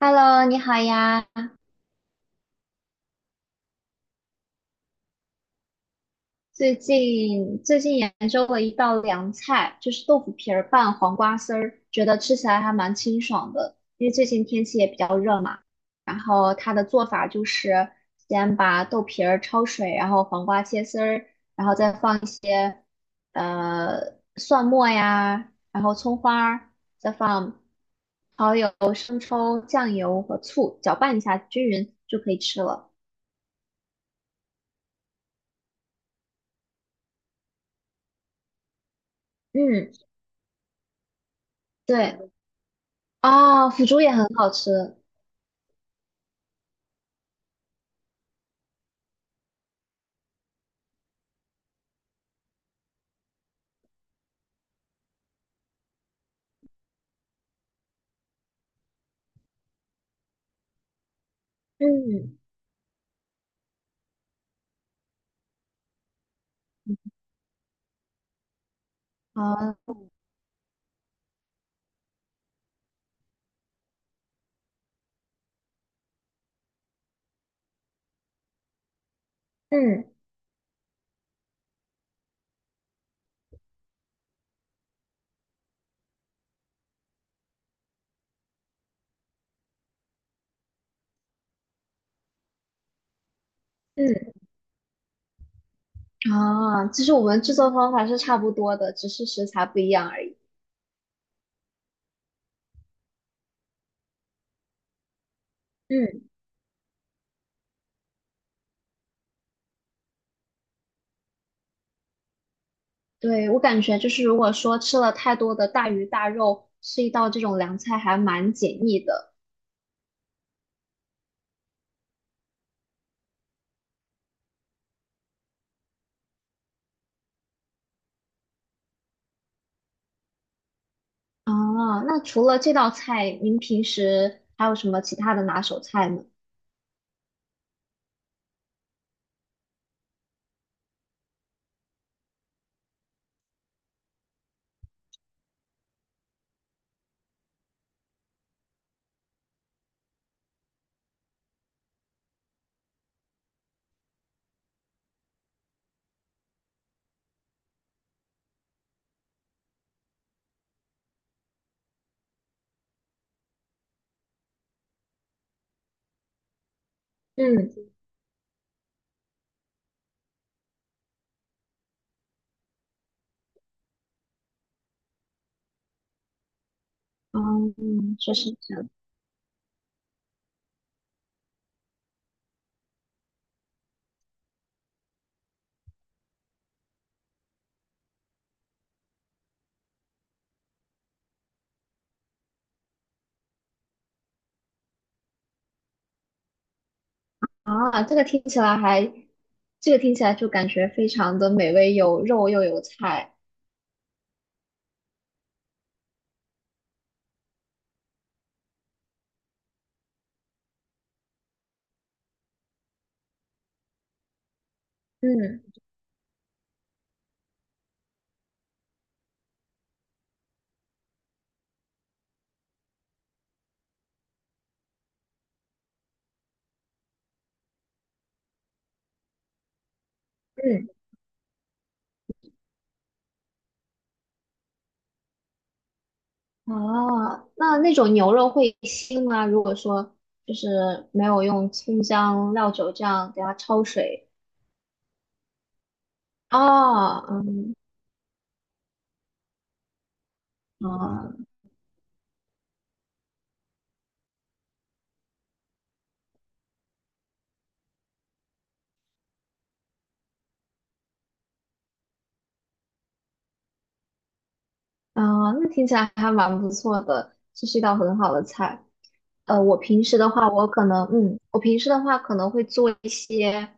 Hello，你好呀！最近研究了一道凉菜，就是豆腐皮儿拌黄瓜丝儿，觉得吃起来还蛮清爽的。因为最近天气也比较热嘛，然后它的做法就是先把豆皮儿焯水，然后黄瓜切丝儿，然后再放一些蒜末呀，然后葱花儿，再放蚝油、生抽、酱油和醋，搅拌一下均匀就可以吃了。嗯，对。啊，腐竹也很好吃。嗯，啊，嗯嗯啊，其实我们制作方法是差不多的，只是食材不一样而已。嗯，对，我感觉就是如果说吃了太多的大鱼大肉，吃一道这种凉菜还蛮解腻的。啊，那除了这道菜，您平时还有什么其他的拿手菜吗？嗯嗯，说是这啊，这个听起来还，这个听起来就感觉非常的美味，有肉又有菜。嗯。嗯，哦，那那种牛肉会腥吗？如果说就是没有用葱姜料酒这样给它焯水，哦，嗯，啊、啊、那听起来还蛮不错的，这是一道很好的菜。呃，我平时的话，我可能，嗯，我平时的话可能会做一些。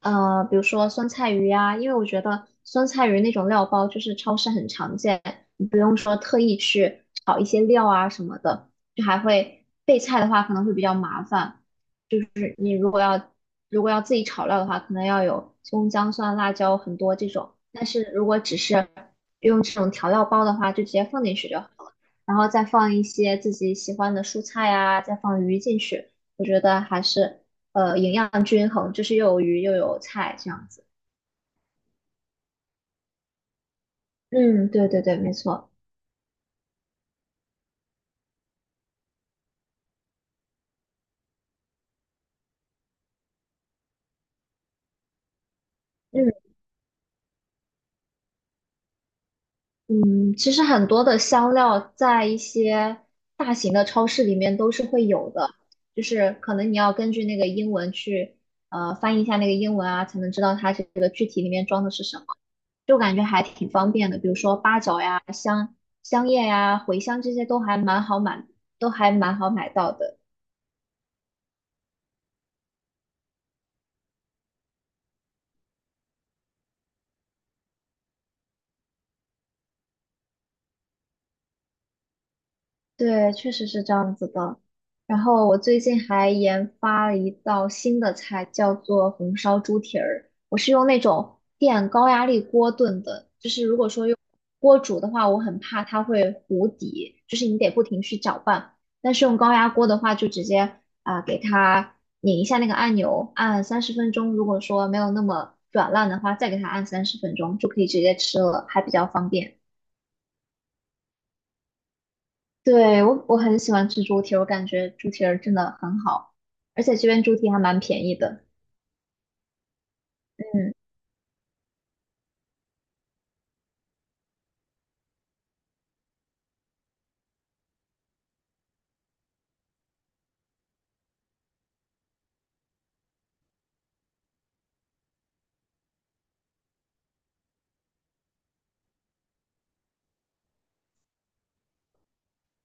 呃，比如说酸菜鱼呀、因为我觉得酸菜鱼那种料包就是超市很常见，你不用说特意去炒一些料啊什么的，就还会备菜的话可能会比较麻烦。就是你如果要自己炒料的话，可能要有葱姜蒜辣椒很多这种，但是如果只是用这种调料包的话，就直接放进去就好了，然后再放一些自己喜欢的蔬菜啊，再放鱼进去，我觉得还是营养均衡，就是又有鱼又有菜这样子。嗯，对对对，没错。嗯，嗯，其实很多的香料在一些大型的超市里面都是会有的，就是可能你要根据那个英文去翻译一下那个英文啊，才能知道它这个具体里面装的是什么，就感觉还挺方便的。比如说八角呀、香叶呀、茴香这些都还蛮好买，都还蛮好买到的。对，确实是这样子的。然后我最近还研发了一道新的菜，叫做红烧猪蹄儿。我是用那种电高压力锅炖的，就是如果说用锅煮的话，我很怕它会糊底，就是你得不停去搅拌。但是用高压锅的话，就直接啊、给它拧一下那个按钮，按三十分钟。如果说没有那么软烂的话，再给它按三十分钟，就可以直接吃了，还比较方便。对，我很喜欢吃猪蹄儿，我感觉猪蹄儿真的很好，而且这边猪蹄还蛮便宜的。嗯，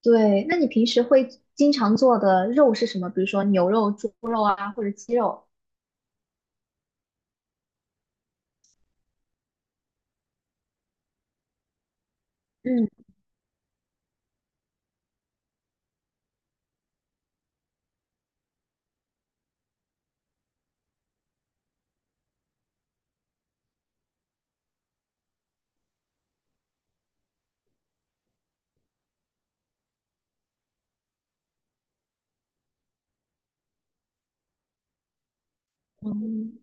对，那你平时会经常做的肉是什么？比如说牛肉、猪肉啊，或者鸡肉？嗯嗯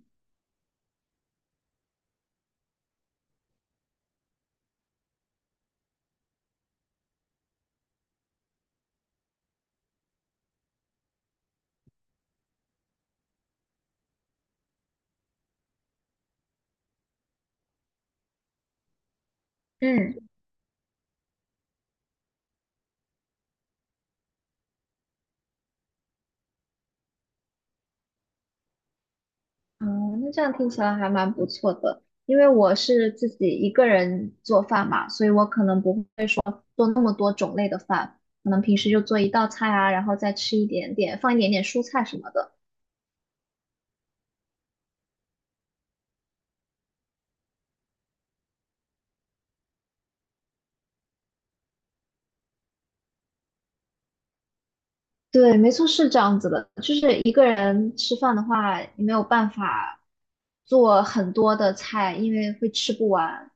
嗯，嗯，那这样听起来还蛮不错的。因为我是自己一个人做饭嘛，所以我可能不会，可能平时就做一道菜啊，然后再吃一点点，放一点点蔬菜什么的。对，没错，是这样子的。就是一个人吃饭的话，你没有办法做很多的菜，因为会吃不完。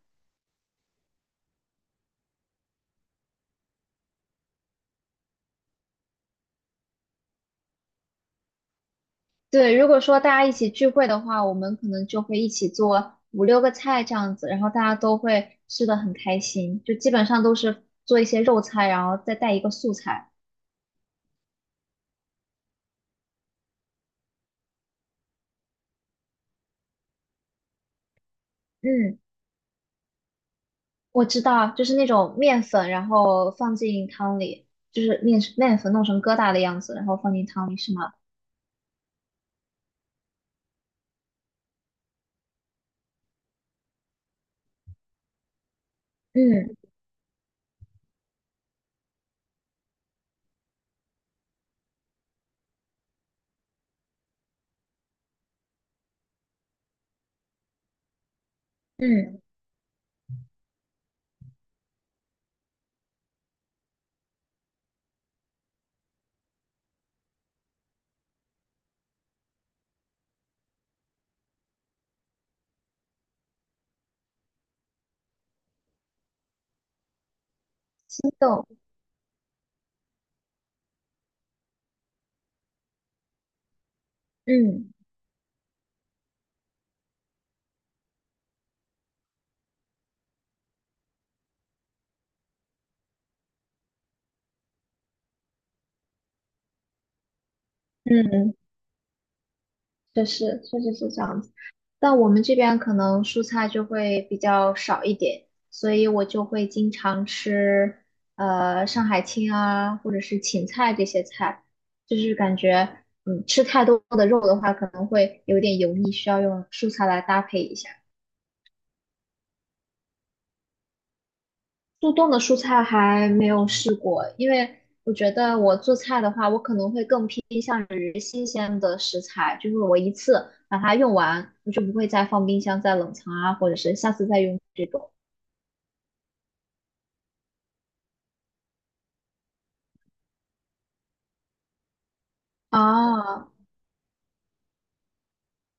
对，如果说大家一起聚会的话，我们可能就会一起做五六个菜这样子，然后大家都会吃的很开心，就基本上都是做一些肉菜，然后再带一个素菜。嗯，我知道，就是那种面粉，然后放进汤里，就是面粉弄成疙瘩的样子，然后放进汤里，是吗？嗯嗯，青豆，嗯。嗯，确实，确实是这样子。但我们这边可能蔬菜就会比较少一点，所以我就会经常吃上海青啊，或者是芹菜这些菜，就是感觉吃太多的肉的话，可能会有点油腻，需要用蔬菜来搭配一下。速冻的蔬菜还没有试过，因为我觉得我做菜的话，我可能会更偏向于新鲜的食材，就是我一次把它用完，我就不会再放冰箱、再冷藏啊，或者是下次再用这种啊，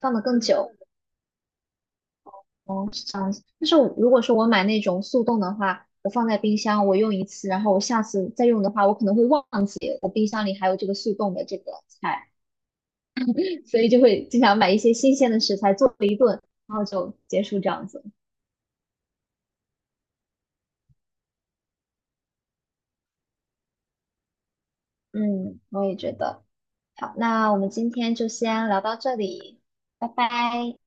放的更久。哦，是这样子。但是我如果说我买那种速冻的话，我放在冰箱，我用一次，然后我下次再用的话，我可能会忘记我冰箱里还有这个速冻的这个菜，所以就会经常买一些新鲜的食材做一顿，然后就结束这样子。嗯，我也觉得。好，那我们今天就先聊到这里，拜拜。